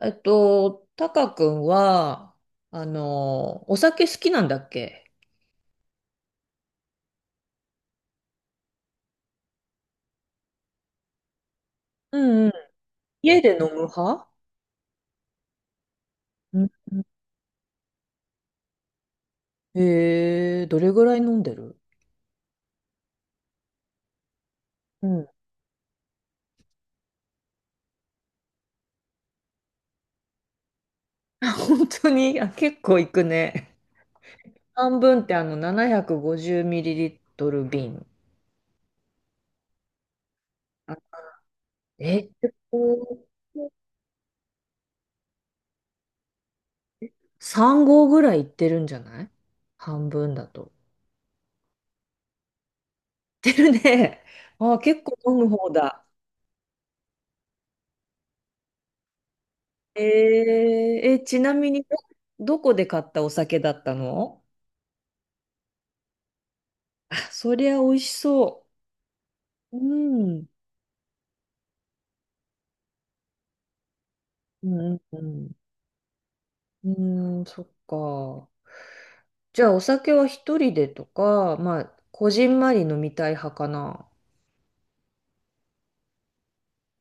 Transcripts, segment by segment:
タカ君は、お酒好きなんだっけ？うんうん。家で飲む派？うん。へえ、どれぐらい飲んでる？うん。本当に、あ、結構いくね。半分って、750ml 瓶？あえ、結構。3合ぐらいいってるんじゃない？半分だと。いってるね。あ、結構飲む方だ。えー、ちなみにどこで買ったお酒だったの？そりゃ美味しそう。うん。うんうんうん。うーん、そっか。じゃあ、お酒は一人でとか、まあ、こじんまり飲みたい派かな？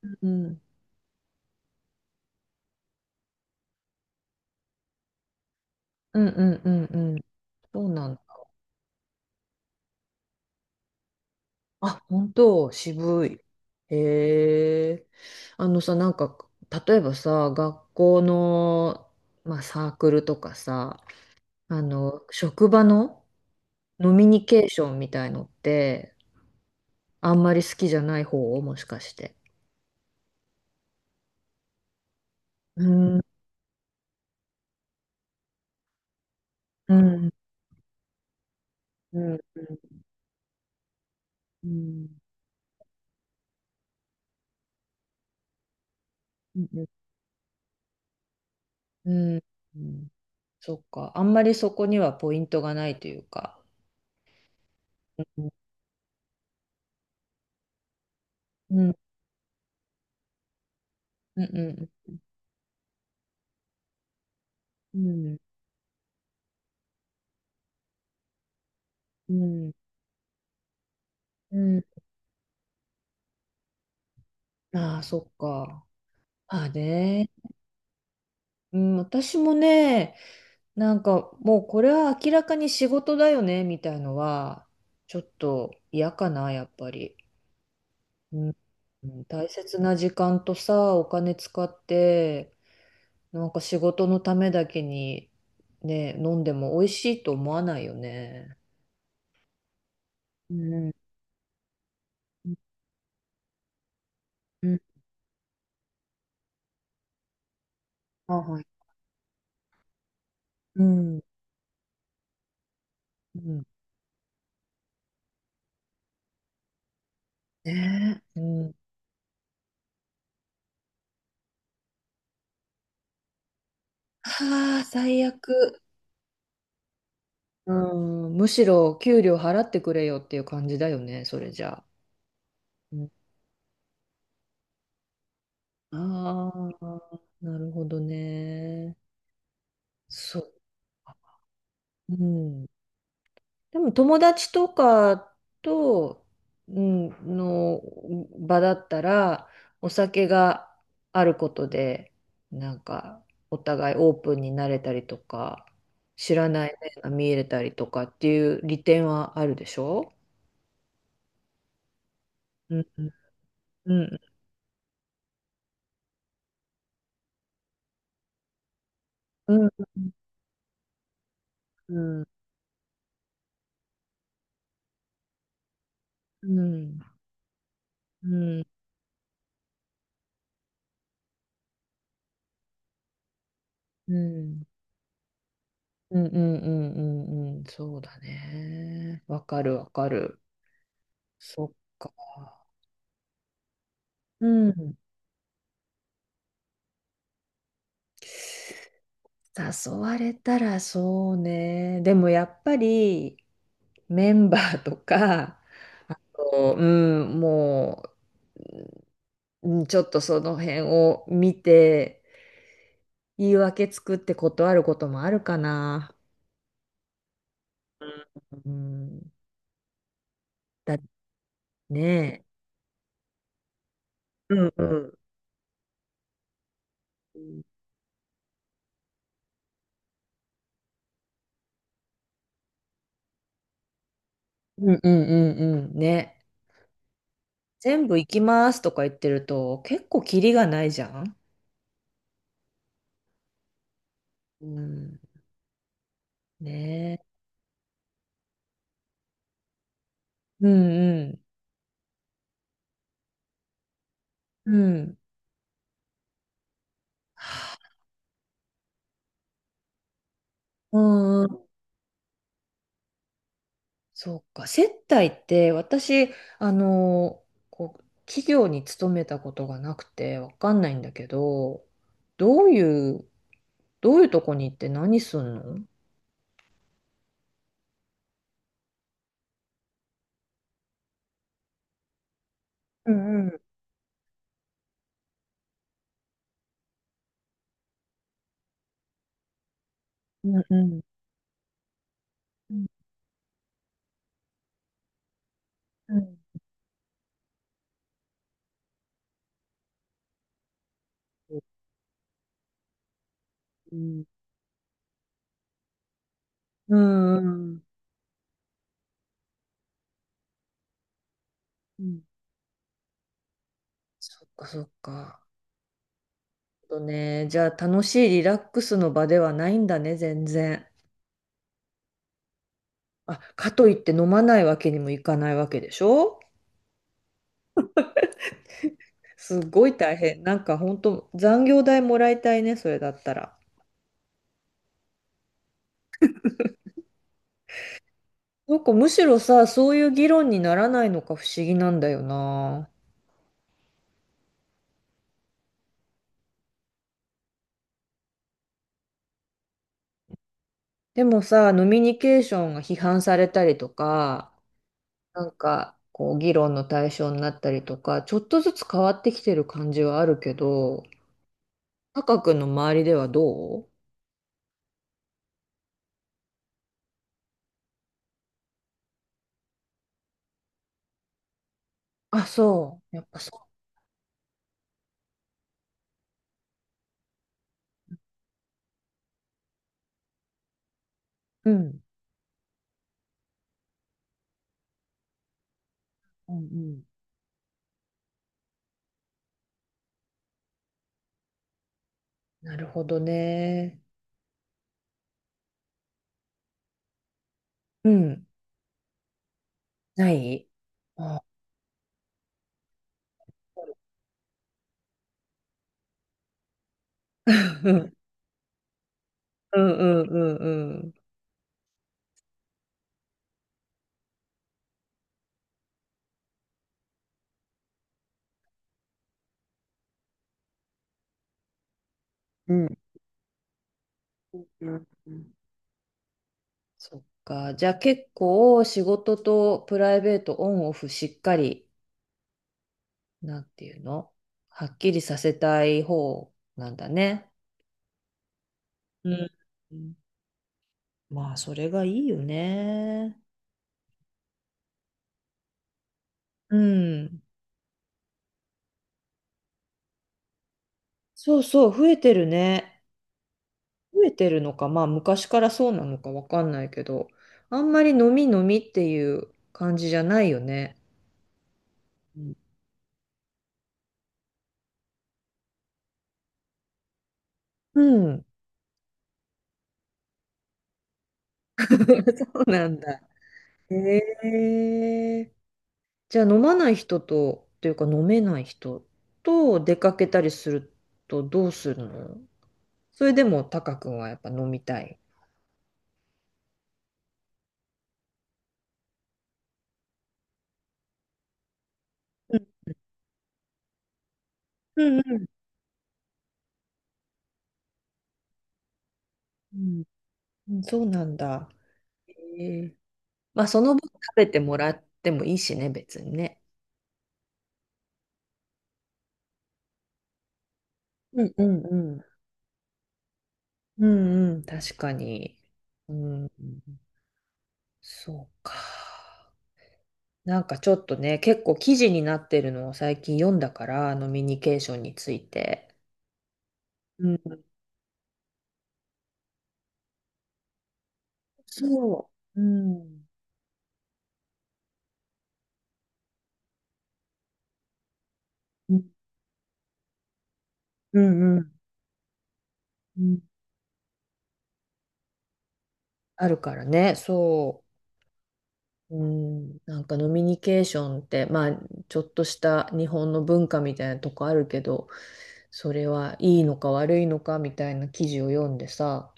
うん。うんうんうんうん。そうなんだ。あ、本当、渋い。へえ。あのさ、なんか、例えばさ、学校の、まあ、サークルとかさ、職場の飲みニケーションみたいのって、あんまり好きじゃない方？もしかして。うん、うん、うん、うん、うん、うんうん、うん、そっか。あんまりそこにはポイントがないというか。うん、うん、うん、うん、うん。うん。ああ、そっか。まあね。うん、私もね、なんかもうこれは明らかに仕事だよね、みたいのは、ちょっと嫌かな、やっぱり。うん、うん、大切な時間とさ、お金使って、なんか仕事のためだけにね、飲んでも美味しいと思わないよね。うん。うん。あ、はい。うん。うんねえ。うん。はあ、最悪。うん。むしろ給料払ってくれよっていう感じだよね、それじゃあ。うん、ああ、なるほどね。そう。うん。でも友達とかと、うん、の場だったら、お酒があることで、なんか、お互いオープンになれたりとか、知らない面が見えれたりとかっていう利点はあるでしょ？うん、うん、うん、うん、うん、うん、うん、うん、うん、うん、うんうん、そうだね。わかる、わかる。そっか。うん。誘われたらそうね。でもやっぱりメンバーとか、あと、うん、もう、うん、ちょっとその辺を見て、言い訳作って断ることもあるかな。うん、だってね。うんうん。うんうんうんうん。ね。全部行きますとか言ってると、結構キリがないじゃん。うん。ねえ。うんうん。うん。うんうん。そうか、接待って私、あの、こう、企業に勤めたことがなくてわかんないんだけど、どういう、どういうとこに行って何すんの？うんうんうんうんうんうんうんうんうん。そっかそっか。とね、じゃあ楽しいリラックスの場ではないんだね、全然。あ、かといって飲まないわけにもいかないわけでしょ？すごい大変。なんか本当残業代もらいたいね、それだったら。なんかむしろさ、そういう議論にならないのか不思議なんだよな。でもさ、ノミニケーションが批判されたりとか、なんかこう議論の対象になったりとか、ちょっとずつ変わってきてる感じはあるけど、タカ君の周りではどう？あ、そう。やっぱそう。うん。うんうん。なるほどね。うん。ない？あ うんうんうんうんうん。うん。うんうん。そっか。じゃあ結構仕事とプライベートオンオフしっかり、なんていうの、はっきりさせたい方なんだね。うん。うん、まあ、それがいいよね。うん。そうそう、増えてるね。増えてるのか、まあ昔からそうなのかわかんないけど、あんまり飲み飲みっていう感じじゃないよね。うんうん そうなんだ。ええ、じゃあ飲まない人と、というか飲めない人と出かけたりするとどうするの？それでもタカ君はやっぱ飲みたい？うんうんうんうん。そうなんだ。ええ、まあその分食べてもらってもいいしね、別にね。うんうんうんうん、うん、確かに。うん、そうか。なんかちょっとね、結構記事になってるのを最近読んだから、飲みニケーションについて。そう。うん。うん、うん、うんうん、あるからね。そう。うん。なんかノミニケーションって、まあ、ちょっとした日本の文化みたいなとこあるけど、それはいいのか悪いのかみたいな記事を読んでさ、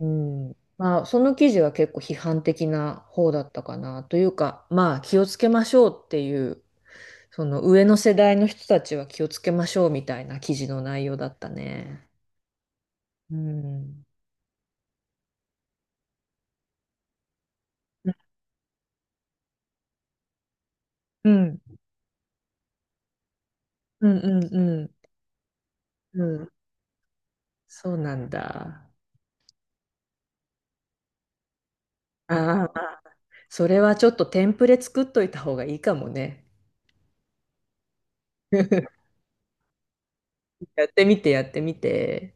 うん。まあ、その記事は結構批判的な方だったかな。というか、まあ、気をつけましょうっていう、その上の世代の人たちは気をつけましょうみたいな記事の内容だったね。うん。うん。うんうんうん。うん。そうなんだ。ああ、それはちょっとテンプレ作っといた方がいいかもね。やってみて、やってみて。